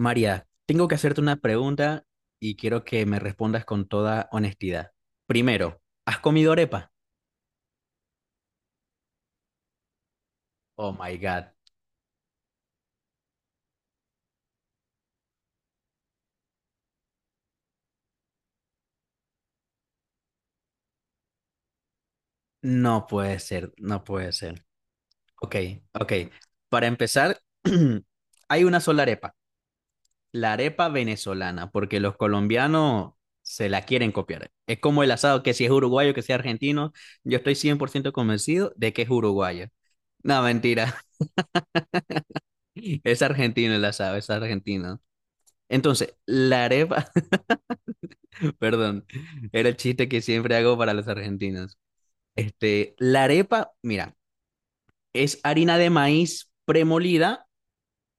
María, tengo que hacerte una pregunta y quiero que me respondas con toda honestidad. Primero, ¿has comido arepa? Oh my God, no puede ser, no puede ser. Ok, ok. Para empezar, hay una sola arepa, la arepa venezolana, porque los colombianos se la quieren copiar. Es como el asado, que si es uruguayo, que sea argentino, yo estoy 100% convencido de que es uruguayo. No, mentira, es argentino el asado, es argentino. Entonces, la arepa. Perdón, era el chiste que siempre hago para los argentinos. La arepa, mira, es harina de maíz premolida,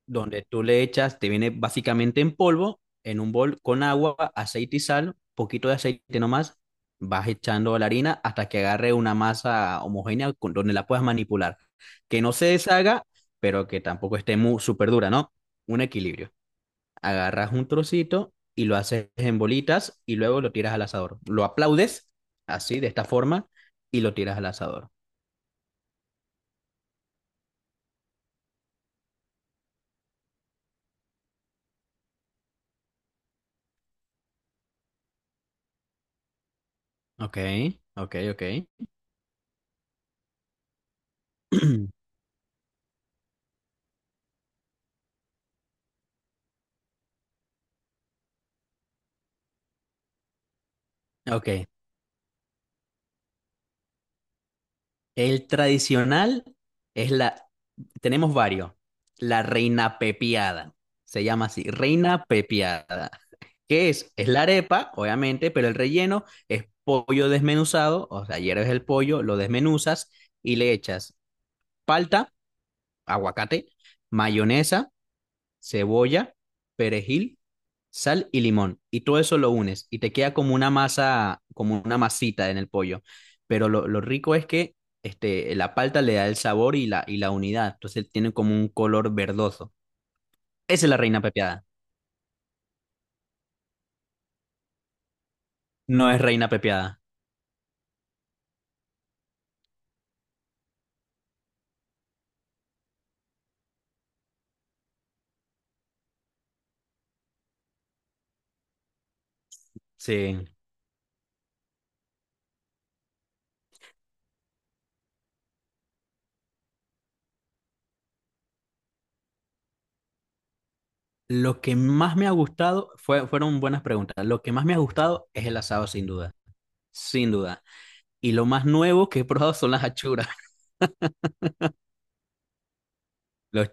donde tú le echas, te viene básicamente en polvo, en un bol con agua, aceite y sal, poquito de aceite nomás, vas echando la harina hasta que agarre una masa homogénea donde la puedas manipular. Que no se deshaga, pero que tampoco esté muy súper dura, ¿no? Un equilibrio, agarras un trocito y lo haces en bolitas y luego lo tiras al asador. Lo aplaudes así, de esta forma, y lo tiras al asador. Ok, ok, ok. Ok. El tradicional es la... Tenemos varios. La reina pepiada. Se llama así, reina pepiada. ¿Qué es? Es la arepa, obviamente, pero el relleno es pollo desmenuzado. O sea, hierves el pollo, lo desmenuzas y le echas palta, aguacate, mayonesa, cebolla, perejil, sal y limón. Y todo eso lo unes y te queda como una masa, como una masita en el pollo. Pero lo rico es que la palta le da el sabor y la unidad. Entonces tiene como un color verdoso. Esa es la reina pepiada. No es reina pepiada. Sí. Lo que más me ha gustado fue, fueron buenas preguntas. Lo que más me ha gustado es el asado, sin duda. Sin duda. Y lo más nuevo que he probado son las achuras. Los,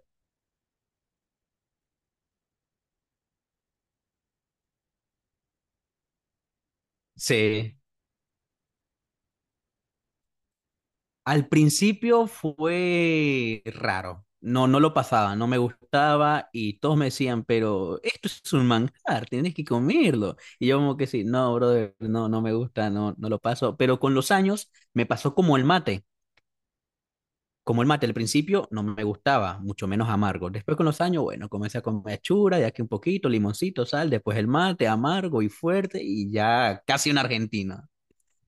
sí. Al principio fue raro. No, no lo pasaba, no me gustaba y todos me decían, pero esto es un manjar, tienes que comerlo. Y yo como que sí, no, brother, no, no me gusta, no, no lo paso. Pero con los años me pasó como el mate, como el mate. Al principio no me gustaba, mucho menos amargo. Después con los años, bueno, comencé a comer chura, de aquí un poquito, limoncito, sal, después el mate, amargo y fuerte y ya casi un argentino.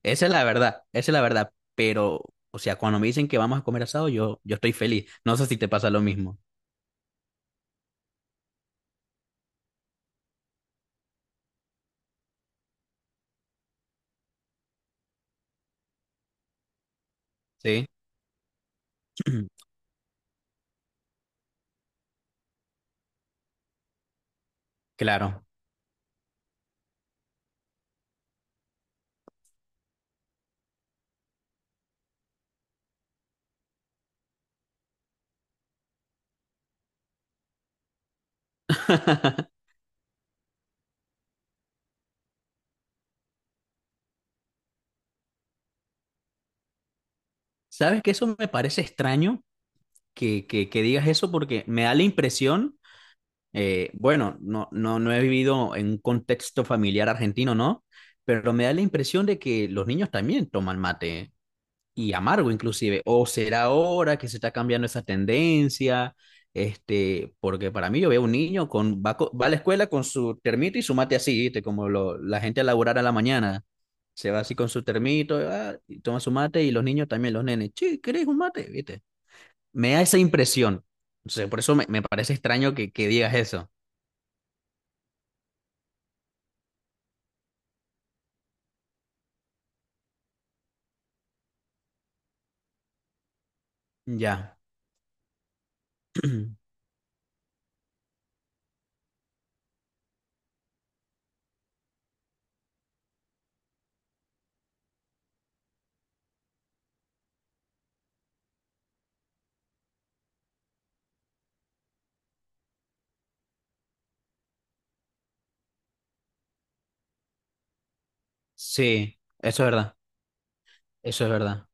Esa es la verdad, esa es la verdad. Pero, o sea, cuando me dicen que vamos a comer asado, yo estoy feliz. No sé si te pasa lo mismo. Sí. Claro. ¿Sabes que eso me parece extraño que digas eso? Porque me da la impresión, bueno, no, no, no he vivido en un contexto familiar argentino, ¿no? Pero me da la impresión de que los niños también toman mate y amargo inclusive. O será ahora que se está cambiando esa tendencia, porque para mí yo veo un niño va a la escuela con su termito y su mate así, ¿viste? Como lo- la gente a laburar a la mañana. Se va así con su termito, ah, y toma su mate y los niños también, los nenes, che, ¿querés un mate? ¿Viste? Me da esa impresión. Entonces, por eso me parece extraño que digas eso. Ya. Sí, eso es verdad. Eso es verdad.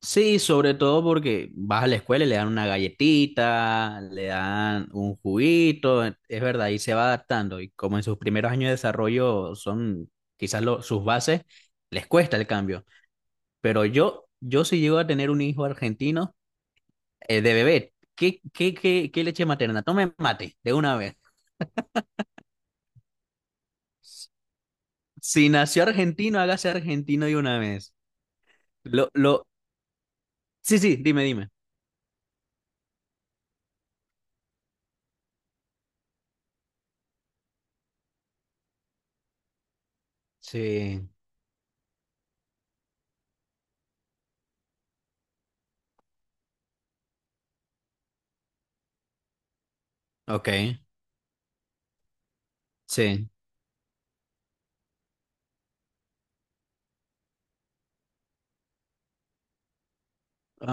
Sí, sobre todo porque vas a la escuela y le dan una galletita, le dan un juguito, e, es verdad, y se va adaptando. Y como en sus primeros años de desarrollo son quizás lo- sus bases, les cuesta el cambio. Pero yo si llego a tener un hijo argentino de bebé, ¿qué, qué, qué, qué leche materna? Tome mate de una vez. Si nació argentino, hágase argentino de una vez. Lo, lo... Sí, sí, dime, dime. Sí, ok, sí.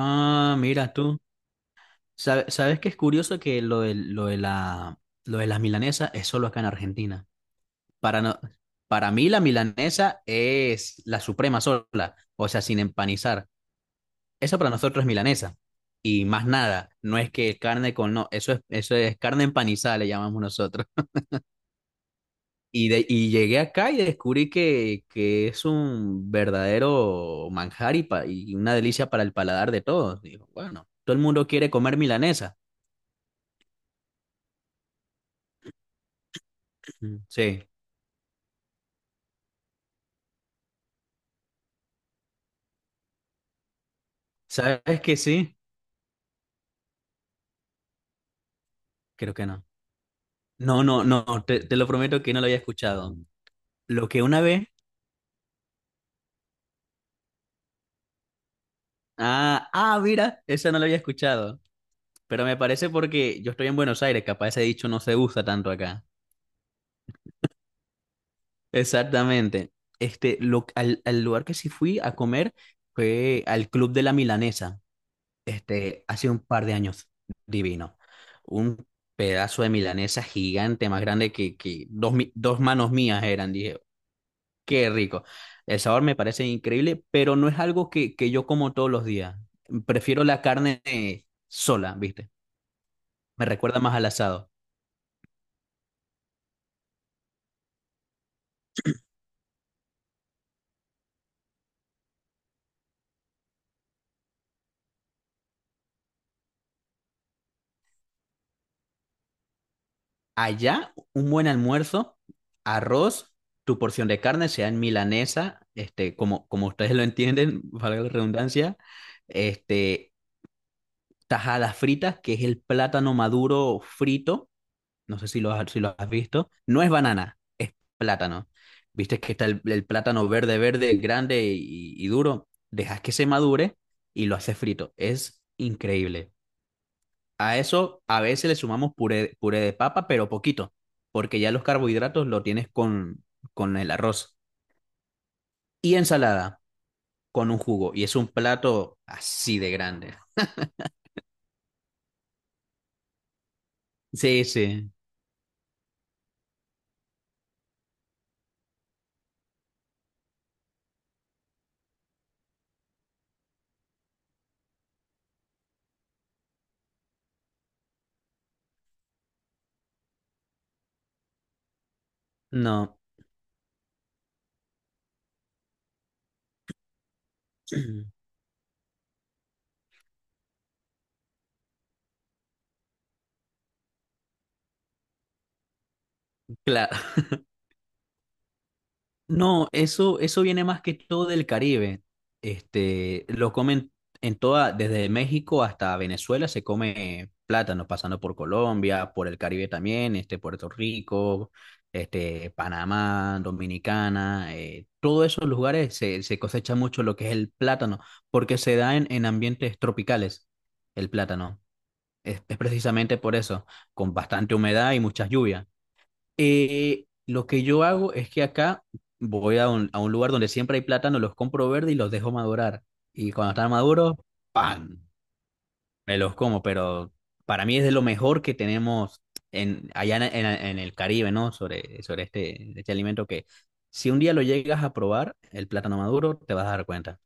Ah, mira tú. ¿Sabes qué es curioso que lo de las milanesas es solo acá en Argentina? Para, no, para mí la milanesa es la suprema sola, o sea, sin empanizar. Eso para nosotros es milanesa. Y más nada, no es que carne con no, eso es carne empanizada, le llamamos nosotros. Y llegué acá y descubrí que es un verdadero manjar y una delicia para el paladar de todos. Digo, bueno, todo el mundo quiere comer milanesa. Mm. Sí, ¿sabes que sí? Creo que no. No, no, no, te lo prometo que no lo había escuchado. Lo que una vez... Ah, ah, mira, esa no la había escuchado. Pero me parece porque yo estoy en Buenos Aires, capaz ese dicho no se usa tanto acá. Exactamente. Este, al lugar que sí fui a comer fue al Club de la Milanesa, este, hace un par de años. Divino. Un pedazo de milanesa gigante, más grande que dos, dos manos mías eran. Dije, qué rico. El sabor me parece increíble, pero no es algo que yo como todos los días. Prefiero la carne sola, ¿viste? Me recuerda más al asado. Allá, un buen almuerzo, arroz, tu porción de carne, sea en milanesa, este, como, como ustedes lo entienden, valga la redundancia, este, tajadas fritas, que es el plátano maduro frito. No sé si lo has, si lo has visto. No es banana, es plátano. Viste que está el plátano verde, verde, grande y duro. Dejas que se madure y lo haces frito. Es increíble. A eso a veces le sumamos puré, puré de papa, pero poquito, porque ya los carbohidratos lo tienes con, el arroz. Y ensalada con un jugo. Y es un plato así de grande. Sí, sí. No. Claro. No, eso viene más que todo del Caribe. Este, lo comen en toda, desde México hasta Venezuela se come plátano, pasando por Colombia, por el Caribe también, este, Puerto Rico, este, Panamá, Dominicana, todos esos lugares se cosecha mucho lo que es el plátano, porque se da en, ambientes tropicales el plátano. Es precisamente por eso, con bastante humedad y muchas lluvias. Lo que yo hago es que acá voy a un lugar donde siempre hay plátanos, los compro verde y los dejo madurar. Y cuando están maduros, ¡pam! Me los como, pero para mí es de lo mejor que tenemos allá en el Caribe, ¿no? Sobre este, este alimento que si un día lo llegas a probar, el plátano maduro, te vas a dar cuenta.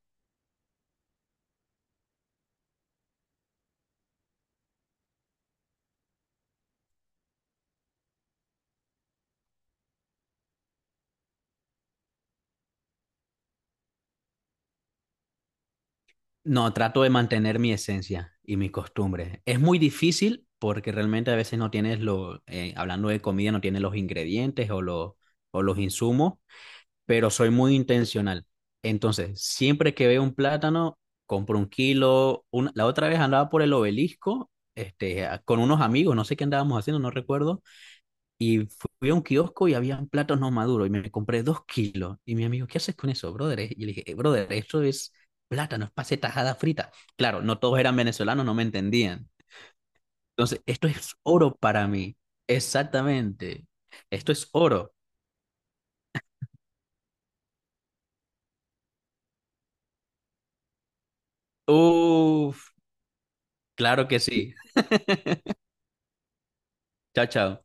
No, trato de mantener mi esencia y mi costumbre. Es muy difícil porque realmente a veces no tienes hablando de comida, no tienes los ingredientes o los insumos, pero soy muy intencional. Entonces, siempre que veo un plátano, compro 1 kilo. La otra vez andaba por el obelisco, con unos amigos, no sé qué andábamos haciendo, no recuerdo y fui a un kiosco y habían platos no maduros y me compré 2 kilos. Y mi amigo, ¿qué haces con eso, brother? Y yo le dije, brother, eso es plátano, es pase tajada frita." Claro, no todos eran venezolanos, no me entendían. Entonces, esto es oro para mí. Exactamente. Esto es oro. Uf, claro que sí. Chao, chao.